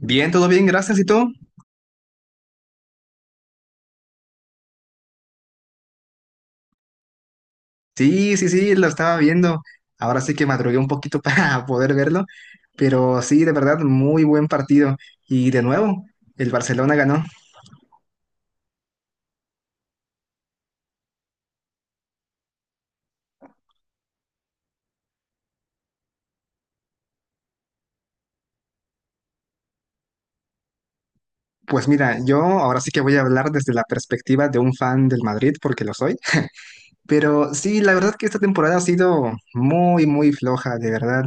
Bien, todo bien, gracias. ¿Y tú? Sí, sí, sí, lo estaba viendo. Ahora sí que madrugué un poquito para poder verlo, pero sí, de verdad, muy buen partido. Y de nuevo, el Barcelona ganó. Pues mira, yo ahora sí que voy a hablar desde la perspectiva de un fan del Madrid, porque lo soy. Pero sí, la verdad que esta temporada ha sido muy, muy floja, de verdad,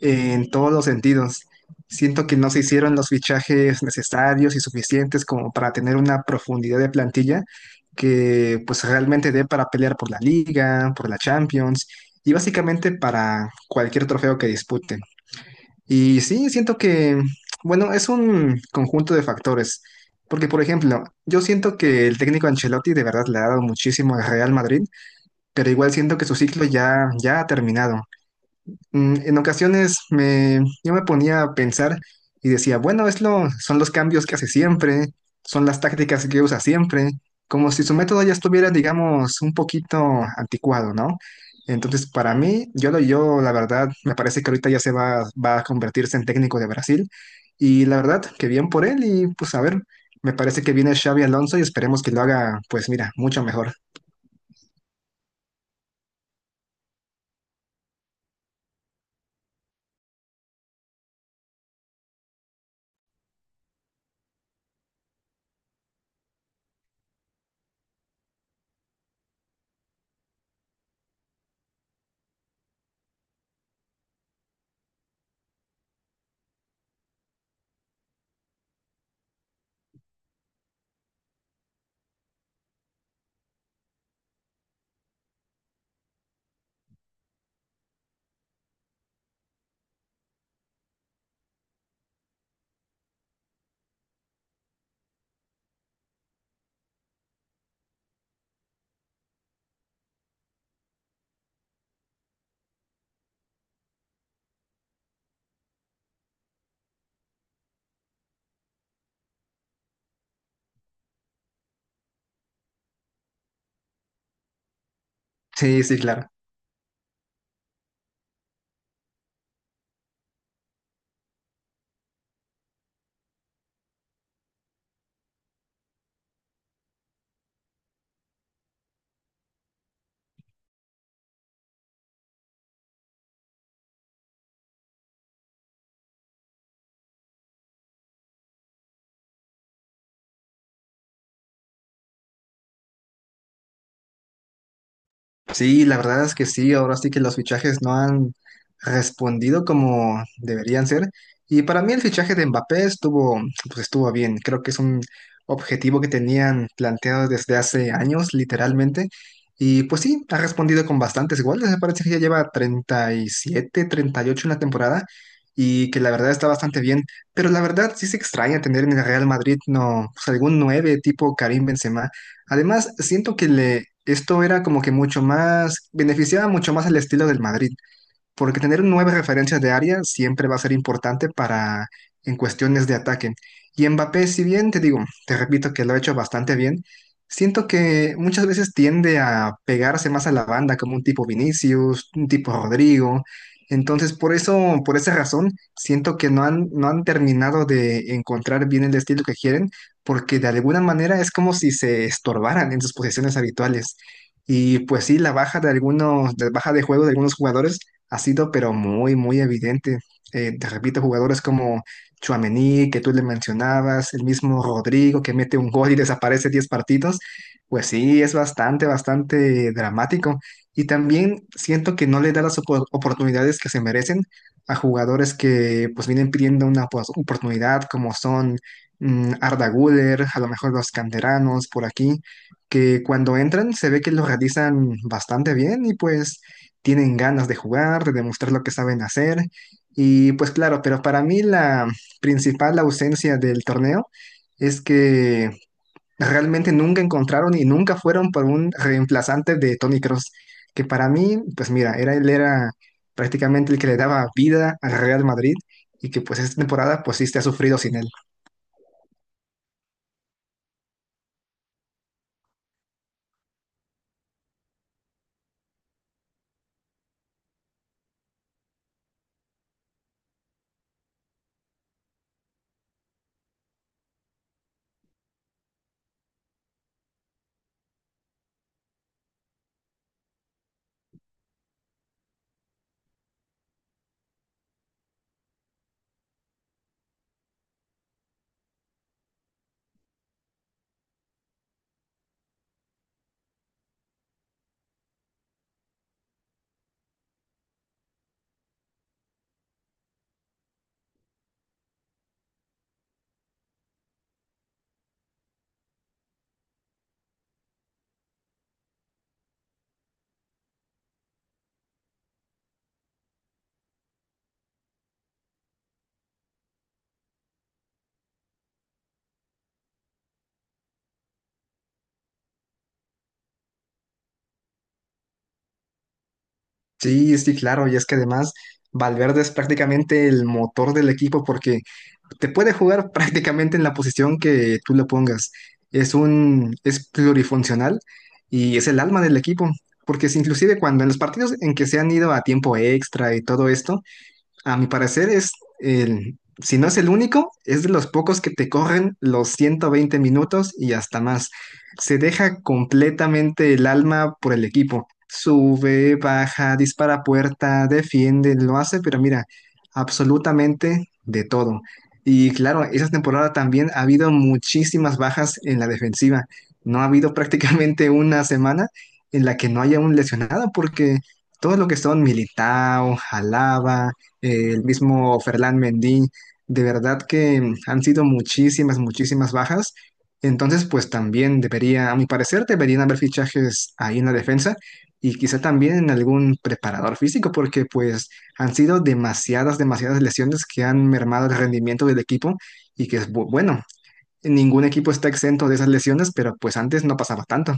en todos los sentidos. Siento que no se hicieron los fichajes necesarios y suficientes como para tener una profundidad de plantilla que pues realmente dé para pelear por la Liga, por la Champions y básicamente para cualquier trofeo que disputen. Y sí, siento que, bueno, es un conjunto de factores. Porque, por ejemplo, yo siento que el técnico Ancelotti de verdad le ha dado muchísimo al Real Madrid pero igual siento que su ciclo ya, ya ha terminado. En ocasiones yo me ponía a pensar y decía, bueno, son los cambios que hace siempre, son las tácticas que usa siempre, como si su método ya estuviera, digamos, un poquito anticuado, ¿no? Entonces, para mí, yo la verdad, me parece que ahorita ya va a convertirse en técnico de Brasil y la verdad, que bien por él y pues a ver, me parece que viene Xavi Alonso y esperemos que lo haga, pues mira, mucho mejor. Sí, sí, claro. Sí, la verdad es que sí, ahora sí que los fichajes no han respondido como deberían ser. Y para mí el fichaje de Mbappé estuvo, pues estuvo bien. Creo que es un objetivo que tenían planteado desde hace años, literalmente. Y pues sí, ha respondido con bastantes goles. Me parece que ya lleva 37, 38 en la temporada y que la verdad está bastante bien. Pero la verdad sí se extraña tener en el Real Madrid no, pues algún 9 tipo Karim Benzema. Además, siento que le, esto era como que mucho más, beneficiaba mucho más al estilo del Madrid porque tener nueve referencias de área siempre va a ser importante para en cuestiones de ataque. Y Mbappé, si bien te digo, te repito que lo ha hecho bastante bien, siento que muchas veces tiende a pegarse más a la banda como un tipo Vinicius, un tipo Rodrigo. Entonces, por eso, por esa razón, siento que no han terminado de encontrar bien el estilo que quieren, porque de alguna manera es como si se estorbaran en sus posiciones habituales. Y pues sí, la baja de algunos, la baja de juego de algunos jugadores ha sido pero muy, muy evidente. Te repito, jugadores como Tchouaméni, que tú le mencionabas, el mismo Rodrigo, que mete un gol y desaparece 10 partidos, pues sí, es bastante, bastante dramático. Y también siento que no le da las oportunidades que se merecen a jugadores que pues vienen pidiendo una pues, oportunidad, como son Arda Güler, a lo mejor los canteranos por aquí, que cuando entran se ve que lo realizan bastante bien y pues tienen ganas de jugar, de demostrar lo que saben hacer. Y pues claro, pero para mí la principal ausencia del torneo es que realmente nunca encontraron y nunca fueron por un reemplazante de Tony Cross, que para mí, pues mira, era, él era prácticamente el que le daba vida al Real Madrid y que pues esta temporada pues sí se ha sufrido sin él. Sí, sí, claro, y es que además Valverde es prácticamente el motor del equipo porque te puede jugar prácticamente en la posición que tú le pongas. Es un, es plurifuncional y es el alma del equipo, porque si inclusive cuando en los partidos en que se han ido a tiempo extra y todo esto, a mi parecer es el, si no es el único, es de los pocos que te corren los 120 minutos y hasta más. Se deja completamente el alma por el equipo. Sube, baja, dispara a puerta, defiende, lo hace, pero mira, absolutamente de todo. Y claro, esa temporada también ha habido muchísimas bajas en la defensiva. No ha habido prácticamente una semana en la que no haya un lesionado, porque todo lo que son Militao, Alaba, el mismo Ferland Mendy, de verdad que han sido muchísimas, muchísimas bajas. Entonces, pues también debería, a mi parecer, deberían haber fichajes ahí en la defensa y quizá también en algún preparador físico, porque pues han sido demasiadas, demasiadas lesiones que han mermado el rendimiento del equipo y que es bueno, ningún equipo está exento de esas lesiones, pero pues antes no pasaba tanto.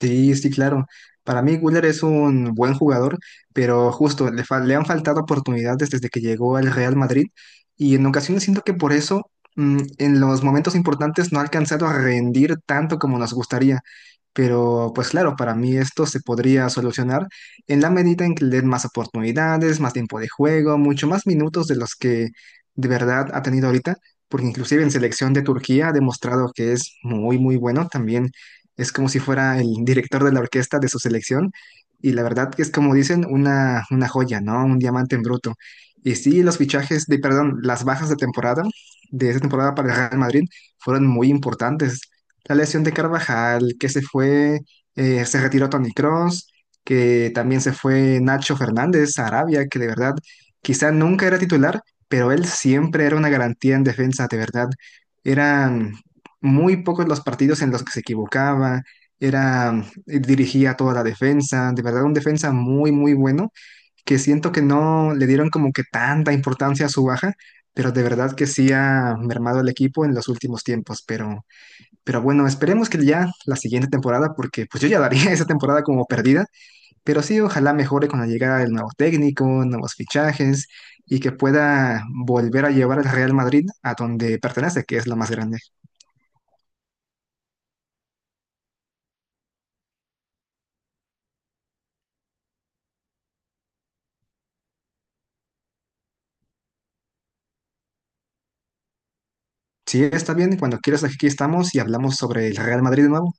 Sí, sí, claro. Para mí, Güler es un buen jugador, pero justo le han faltado oportunidades desde que llegó al Real Madrid y en ocasiones siento que por eso en los momentos importantes no ha alcanzado a rendir tanto como nos gustaría. Pero pues claro, para mí esto se podría solucionar en la medida en que le den más oportunidades, más tiempo de juego, mucho más minutos de los que de verdad ha tenido ahorita, porque inclusive en selección de Turquía ha demostrado que es muy, muy bueno también es como si fuera el director de la orquesta de su selección y la verdad que es como dicen una joya, ¿no? Un diamante en bruto. Y sí, los fichajes de, perdón, las bajas de temporada, de esa temporada para el Real Madrid, fueron muy importantes. La lesión de Carvajal, que se fue, se retiró Toni Kroos, que también se fue Nacho Fernández a Arabia, que de verdad quizá nunca era titular, pero él siempre era una garantía en defensa, de verdad. Era muy pocos los partidos en los que se equivocaba, era, dirigía toda la defensa, de verdad un defensa muy, muy bueno, que siento que no le dieron como que tanta importancia a su baja, pero de verdad que sí ha mermado el equipo en los últimos tiempos, pero bueno, esperemos que ya la siguiente temporada, porque pues yo ya daría esa temporada como perdida, pero sí, ojalá mejore con la llegada del nuevo técnico, nuevos fichajes y que pueda volver a llevar al Real Madrid a donde pertenece, que es lo más grande. Sí, está bien. Cuando quieras, aquí estamos y hablamos sobre el Real Madrid de nuevo.